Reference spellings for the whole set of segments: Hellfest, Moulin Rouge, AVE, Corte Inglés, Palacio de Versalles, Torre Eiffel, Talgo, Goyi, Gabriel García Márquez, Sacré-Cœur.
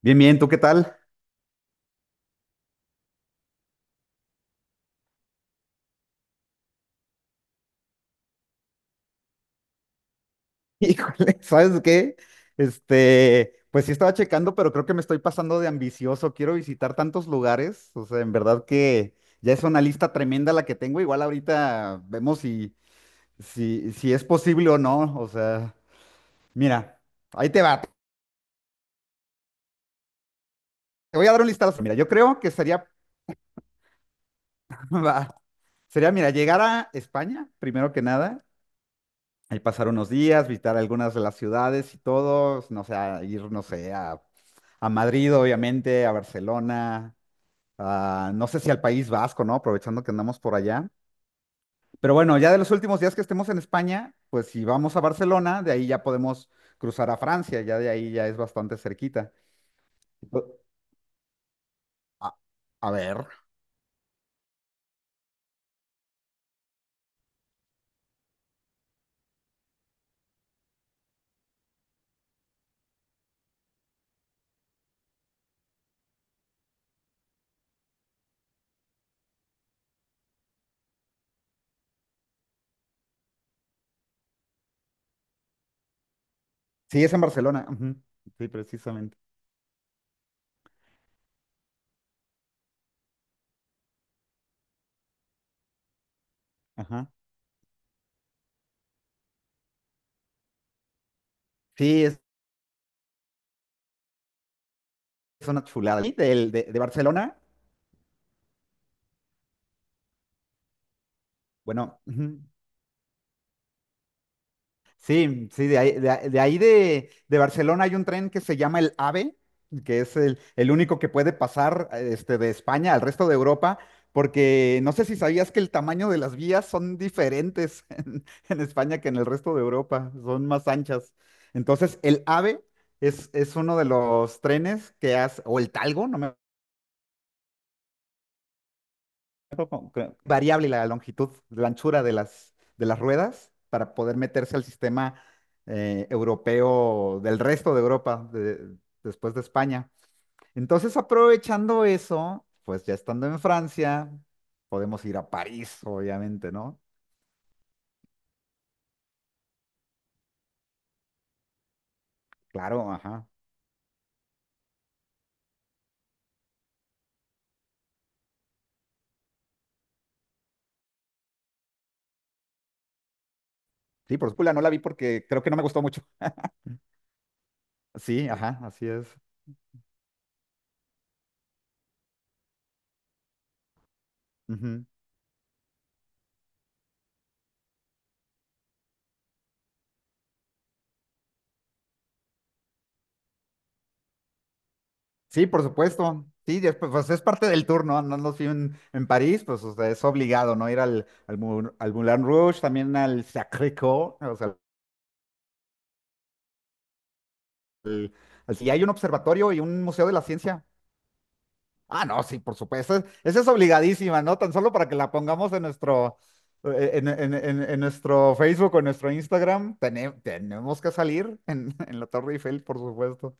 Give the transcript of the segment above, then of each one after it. Bien, bien, ¿tú qué tal? Híjole, ¿sabes qué? Pues sí estaba checando, pero creo que me estoy pasando de ambicioso. Quiero visitar tantos lugares. O sea, en verdad que ya es una lista tremenda la que tengo. Igual ahorita vemos si es posible o no. O sea, mira, ahí te va. Te voy a dar un listado. Mira, yo creo que sería, va, sería, mira, llegar a España, primero que nada. Ahí pasar unos días, visitar algunas de las ciudades y todo, no sé, a ir, no sé, a Madrid, obviamente, a Barcelona, no sé si al País Vasco, ¿no? Aprovechando que andamos por allá. Pero bueno, ya de los últimos días que estemos en España, pues si vamos a Barcelona, de ahí ya podemos cruzar a Francia, ya de ahí ya es bastante cerquita. A, a ver, sí, es en Barcelona. Ujú, sí, precisamente. Ajá. Sí, es, es una chulada. Y de Barcelona, bueno, ujú, sí, sí, de ahí de Barcelona hay un tren que se llama el AVE, que es el único que puede pasar de España al resto de Europa, porque no sé si sabías que el tamaño de las vías son diferentes en España que en el resto de Europa, son más anchas. Entonces, el AVE es uno de los trenes que hace, o el Talgo, no me no, cre- variable la longitud, la anchura de las ruedas para poder meterse al sistema europeo del resto de Europa, después de España. Entonces, aprovechando eso, pues ya estando en Francia, podemos ir a París, obviamente, ¿no? Claro, ajá. Sí, por supuesto, no la vi porque creo que no me gustó mucho. Sí, ajá, así es. Ujú. Sí, por supuesto. Sí, después, pues, es parte del tour, ¿no? Andando así en París, pues o sea, es obligado, ¿no? Ir al Moulin Rouge, también al Sacré-Cœur, o sea, al- si hay un observatorio y un museo de la ciencia. Ah, no, sí, por supuesto. Esa es obligadísima, ¿no? Tan solo para que la pongamos en nuestro, en nuestro Facebook o en nuestro Instagram, tenemos que salir en, en la Torre Eiffel, por supuesto.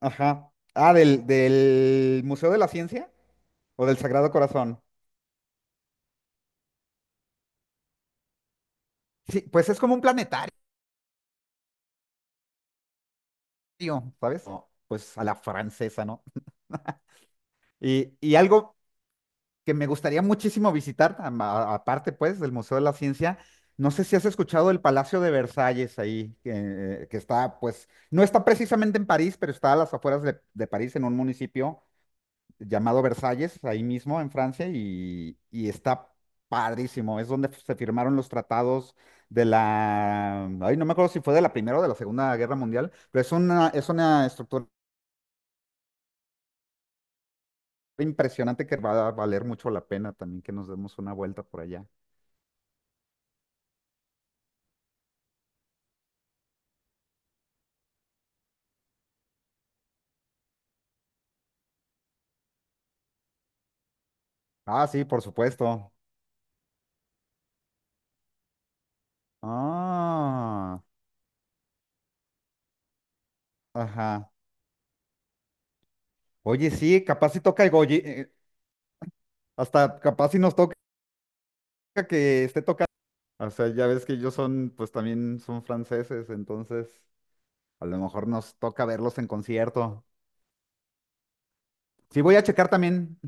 Ajá. Ah, del Museo de la Ciencia o del Sagrado Corazón. Sí, pues es como un planetario, ¿sabes? Oh, pues a la francesa, ¿no? Y algo que me gustaría muchísimo visitar, aparte pues del Museo de la Ciencia, no sé si has escuchado el Palacio de Versalles ahí, que está pues, no está precisamente en París, pero está a las afueras de París, en un municipio llamado Versalles, ahí mismo en Francia, y está padrísimo, es donde se firmaron los tratados de la, ay, no me acuerdo si fue de la Primera o de la Segunda Guerra Mundial. Pero es una estructura impresionante que va a valer mucho la pena también que nos demos una vuelta por allá. Ah, sí, por supuesto. Ah, ajá. Oye, sí, capaz si toca el Goyi, hasta capaz si nos toca que esté tocando. O sea, ya ves que ellos son, pues también son franceses, entonces a lo mejor nos toca verlos en concierto. Sí, voy a checar también.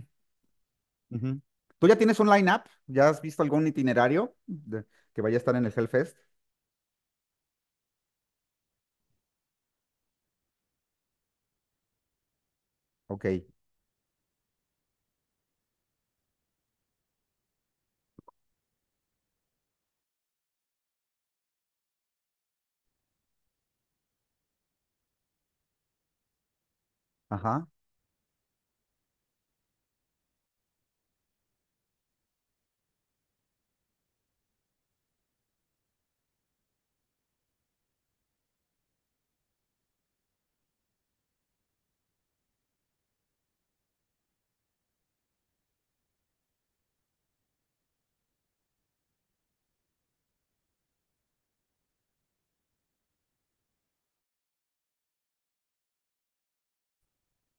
Ujú. ¿Tú ya tienes un line-up? ¿Ya has visto algún itinerario que vaya a estar en el Hellfest? Ok, ajá.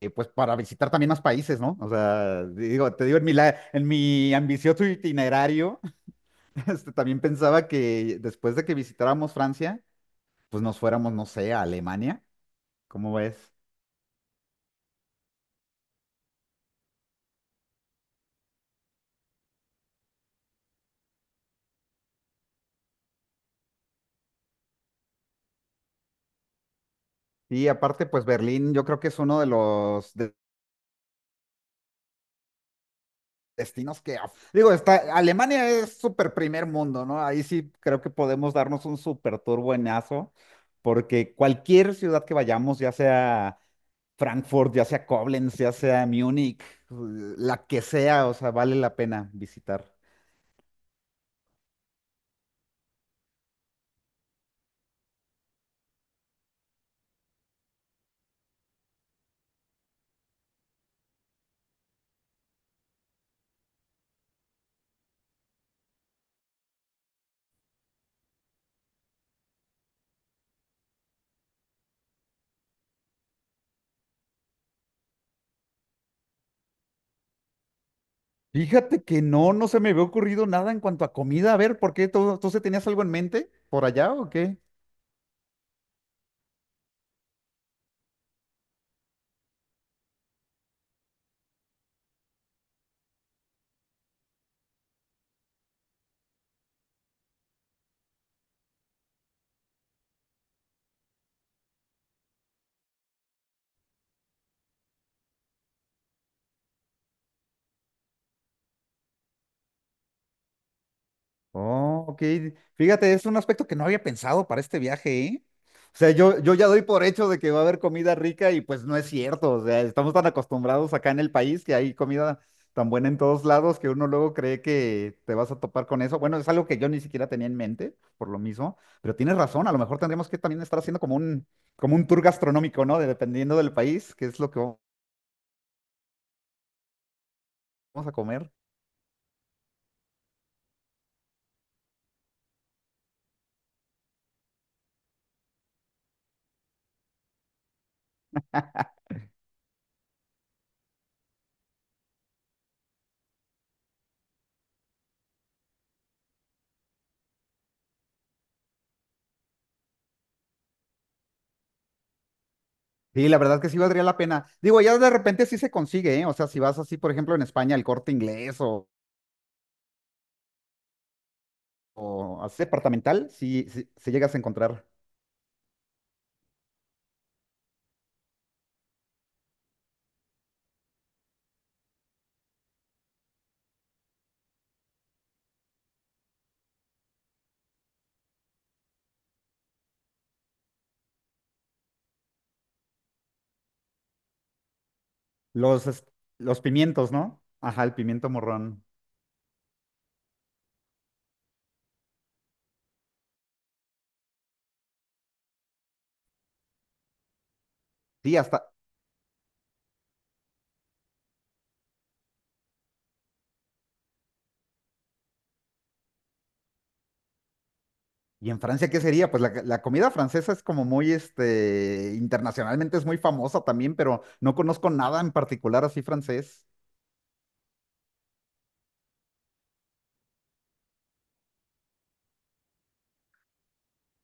pues para visitar también más países, ¿no? O sea, digo, te digo, en mi, en mi ambicioso itinerario, también pensaba que después de que visitáramos Francia, pues nos fuéramos, no sé, a Alemania, ¿cómo ves? Y aparte, pues Berlín, yo creo que es uno de los destinos que, ah, digo, está, Alemania es súper primer mundo, ¿no? Ahí sí creo que podemos darnos un súper tour buenazo, porque cualquier ciudad que vayamos, ya sea Frankfurt, ya sea Koblenz, ya sea Múnich, la que sea, o sea, vale la pena visitar. Fíjate que no, no se me había ocurrido nada en cuanto a comida. A ver, ¿por qué? ¿Tú se tenías algo en mente por allá o qué? Oh, ok. Fíjate, es un aspecto que no había pensado para este viaje, ¿eh? O sea, yo ya doy por hecho de que va a haber comida rica y pues no es cierto. O sea, estamos tan acostumbrados acá en el país que hay comida tan buena en todos lados que uno luego cree que te vas a topar con eso. Bueno, es algo que yo ni siquiera tenía en mente, por lo mismo, pero tienes razón, a lo mejor tendríamos que también estar haciendo como un tour gastronómico, ¿no? Dependiendo del país, qué es lo que vamos a comer. Sí, la verdad que sí valdría la pena. Digo, ya de repente sí se consigue, ¿eh? O sea, si vas así, por ejemplo, en España, el Corte Inglés o así departamental, sí llegas a encontrar los, es- los pimientos, ¿no? Ajá, el pimiento morrón. Sí, hasta... ¿Y en Francia qué sería? Pues la comida francesa es como muy, internacionalmente es muy famosa también, pero no conozco nada en particular así francés.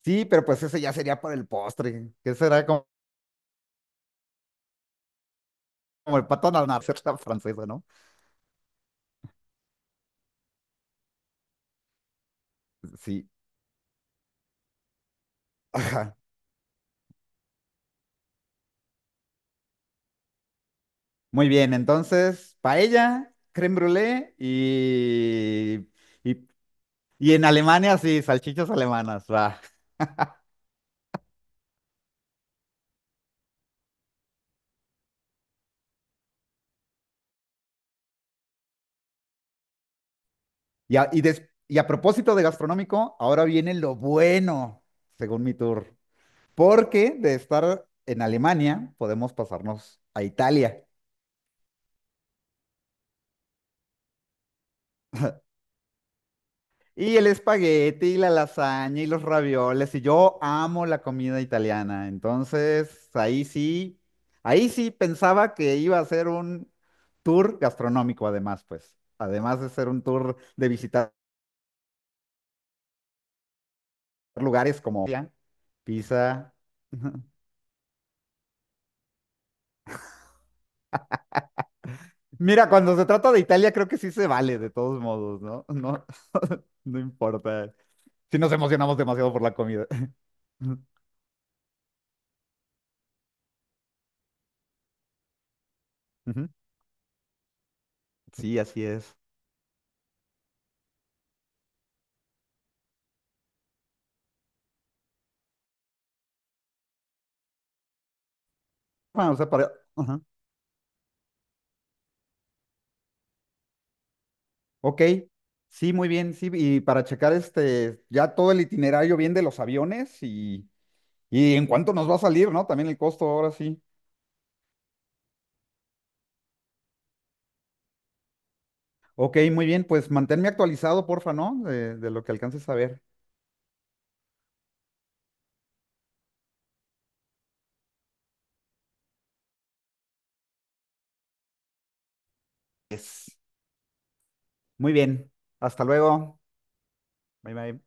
Sí, pero pues ese ya sería por el postre, que será como, como el pato a la francesa, ¿no? Sí. Ajá. Muy bien, entonces, paella, crème brûlée y, y, y en Alemania, sí, salchichas alemanas, va. Y a, y des- y a propósito de gastronómico, ahora viene lo bueno, según mi tour, porque de estar en Alemania podemos pasarnos a Italia. Y el espagueti y la lasaña y los ravioles. Y yo amo la comida italiana. Entonces, ahí sí pensaba que iba a ser un tour gastronómico, además, pues. Además de ser un tour de visitar lugares como Italia, Pisa. Mira, cuando se trata de Italia, creo que sí se vale, de todos modos, ¿no? No, no importa. Si nos emocionamos demasiado por la comida. Ujú. Sí, así es. Bueno, o sea, para... ajá. Ok, sí, muy bien, sí, y para checar ya todo el itinerario bien de los aviones y en cuánto nos va a salir, ¿no? También el costo, ahora sí. Ok, muy bien, pues manténme actualizado, porfa, ¿no? De lo que alcances a ver. Es. Muy bien, hasta luego. Bye, bye.